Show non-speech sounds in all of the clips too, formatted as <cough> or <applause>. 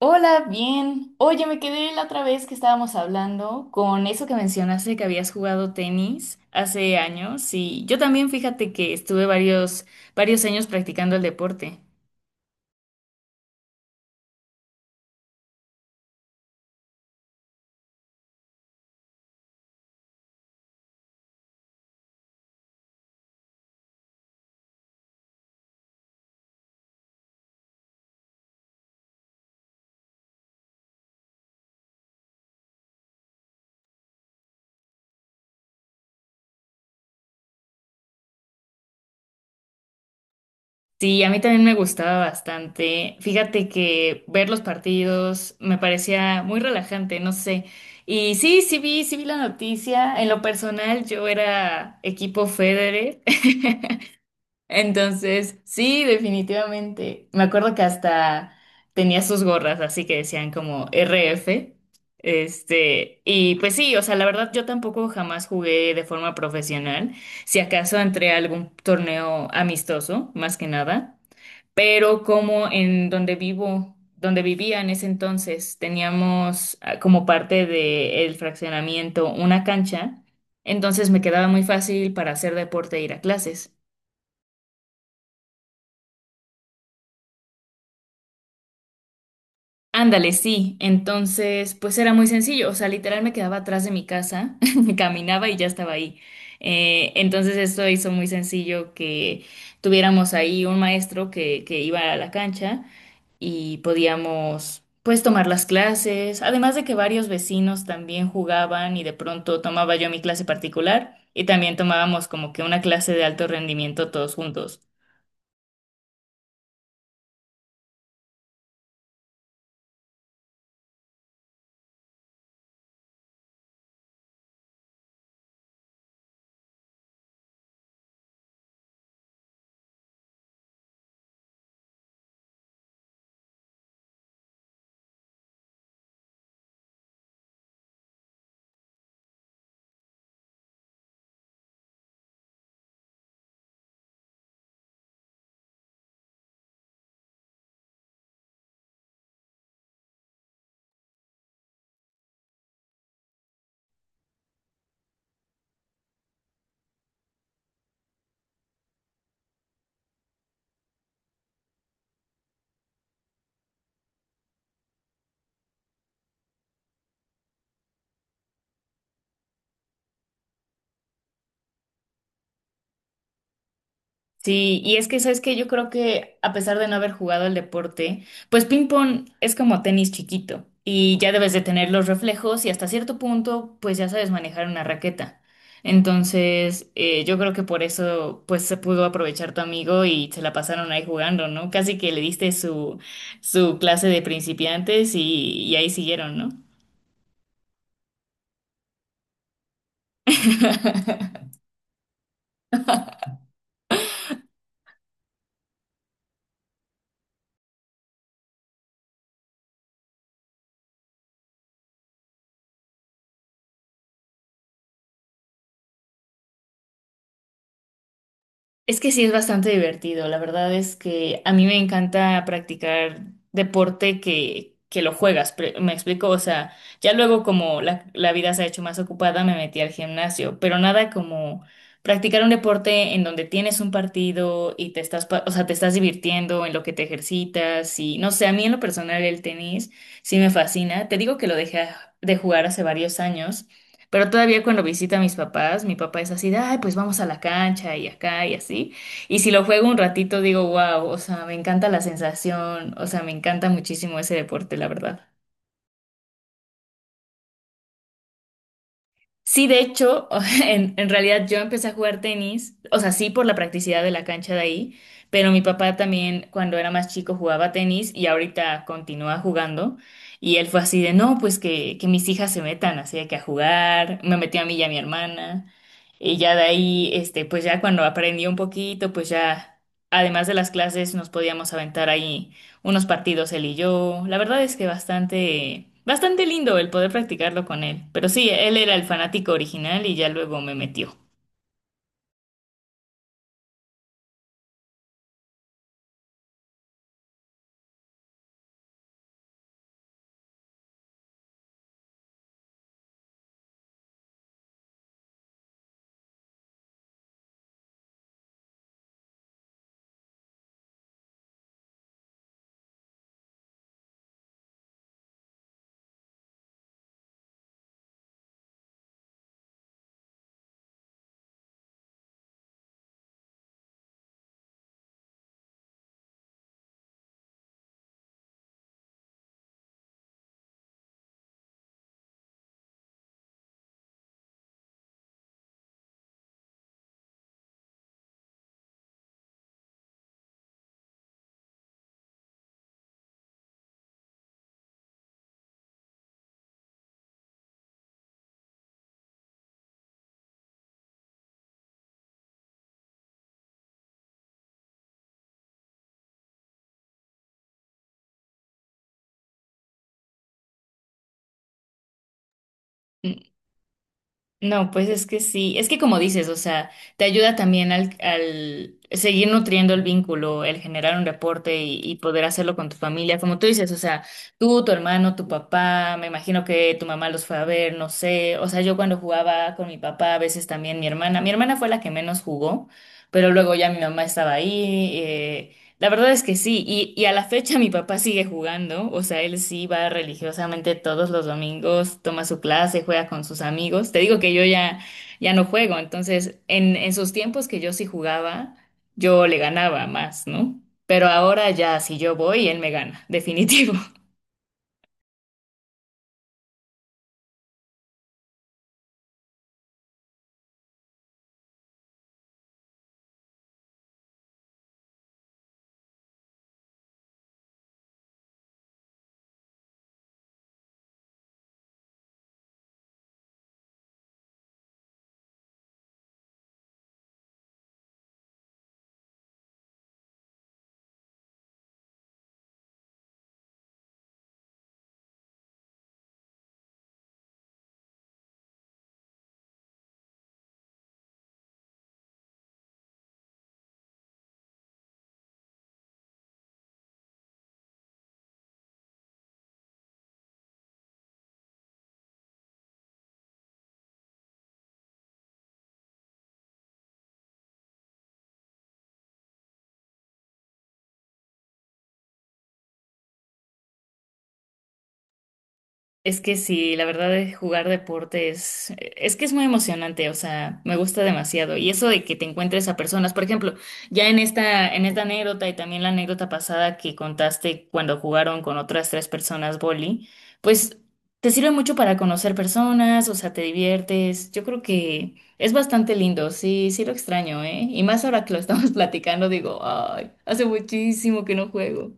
Hola, bien. Oye, me quedé la otra vez que estábamos hablando con eso que mencionaste que habías jugado tenis hace años y yo también, fíjate que estuve varios años practicando el deporte. Sí, a mí también me gustaba bastante. Fíjate que ver los partidos me parecía muy relajante, no sé. Y sí vi la noticia. En lo personal, yo era equipo Federer. <laughs> Entonces, sí, definitivamente. Me acuerdo que hasta tenía sus gorras, así que decían como RF. Este, y pues sí, o sea, la verdad yo tampoco jamás jugué de forma profesional. Si acaso entré a algún torneo amistoso, más que nada. Pero como en donde vivo, donde vivía en ese entonces, teníamos como parte del fraccionamiento una cancha. Entonces me quedaba muy fácil para hacer deporte e ir a clases. Ándale, sí. Entonces, pues era muy sencillo. O sea, literal me quedaba atrás de mi casa, <laughs> caminaba y ya estaba ahí. Entonces, esto hizo muy sencillo que tuviéramos ahí un maestro que iba a la cancha y podíamos, pues, tomar las clases. Además de que varios vecinos también jugaban y de pronto tomaba yo mi clase particular y también tomábamos como que una clase de alto rendimiento todos juntos. Sí, y es que, ¿sabes que Yo creo que a pesar de no haber jugado el deporte, pues ping pong es como tenis chiquito y ya debes de tener los reflejos y hasta cierto punto, pues ya sabes manejar una raqueta. Entonces, yo creo que por eso, pues se pudo aprovechar tu amigo y se la pasaron ahí jugando, ¿no? Casi que le diste su, su clase de principiantes y ahí siguieron, ¿no? Es que sí es bastante divertido. La verdad es que a mí me encanta practicar deporte que lo juegas. Me explico, o sea, ya luego como la vida se ha hecho más ocupada, me metí al gimnasio, pero nada como practicar un deporte en donde tienes un partido y te estás, o sea, te estás divirtiendo en lo que te ejercitas y no sé, a mí en lo personal el tenis sí me fascina. Te digo que lo dejé de jugar hace varios años, pero todavía cuando visita a mis papás, mi papá es así de, ay, pues vamos a la cancha y acá y así. Y si lo juego un ratito, digo, wow, o sea, me encanta la sensación, o sea, me encanta muchísimo ese deporte, la verdad. Sí, de hecho, <laughs> en realidad yo empecé a jugar tenis, o sea, sí por la practicidad de la cancha de ahí, pero mi papá también cuando era más chico jugaba tenis y ahorita continúa jugando. Y él fue así de, no, pues que mis hijas se metan, así de que a jugar, me metió a mí y a mi hermana. Y ya de ahí, este, pues ya cuando aprendí un poquito, pues ya, además de las clases, nos podíamos aventar ahí unos partidos él y yo. La verdad es que bastante, bastante lindo el poder practicarlo con él. Pero sí, él era el fanático original y ya luego me metió. Mm. No, pues es que sí, es que como dices, o sea, te ayuda también al seguir nutriendo el vínculo, el generar un reporte y poder hacerlo con tu familia, como tú dices, o sea, tú, tu hermano, tu papá, me imagino que tu mamá los fue a ver, no sé, o sea, yo cuando jugaba con mi papá, a veces también mi hermana fue la que menos jugó, pero luego ya mi mamá estaba ahí, la verdad es que sí, y a la fecha mi papá sigue jugando, o sea, él sí va religiosamente todos los domingos, toma su clase, juega con sus amigos. Te digo que ya no juego, entonces en sus tiempos que yo sí jugaba, yo le ganaba más, ¿no? Pero ahora ya si yo voy, él me gana, <laughs> definitivo. Es que sí, la verdad es jugar deporte es que es muy emocionante, o sea, me gusta demasiado. Y eso de que te encuentres a personas, por ejemplo, ya en esta anécdota y también la anécdota pasada que contaste cuando jugaron con otras 3 personas boli, pues te sirve mucho para conocer personas, o sea, te diviertes. Yo creo que es bastante lindo, sí, sí lo extraño, ¿eh? Y más ahora que lo estamos <laughs> platicando, digo, ay, hace muchísimo que no juego.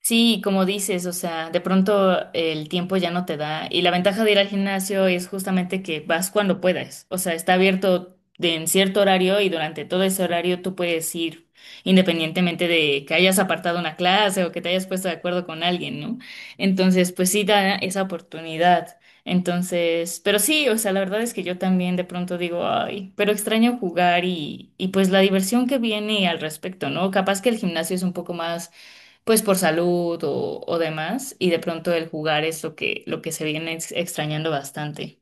Sí, como dices, o sea, de pronto el tiempo ya no te da y la ventaja de ir al gimnasio es justamente que vas cuando puedas, o sea, está abierto de, en cierto horario y durante todo ese horario tú puedes ir independientemente de que hayas apartado una clase o que te hayas puesto de acuerdo con alguien, ¿no? Entonces, pues sí da esa oportunidad. Entonces, pero sí, o sea, la verdad es que yo también de pronto digo, ay, pero extraño jugar y pues la diversión que viene al respecto, ¿no? Capaz que el gimnasio es un poco más pues por salud o demás, y de pronto el jugar es lo que, extrañando bastante.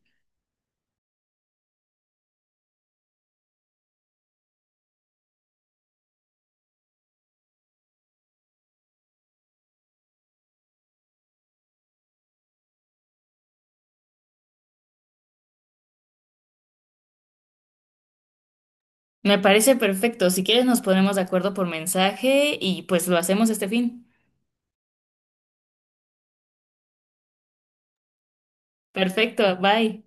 Me parece perfecto. Si quieres nos ponemos de acuerdo por mensaje y pues lo hacemos este fin. Perfecto, bye.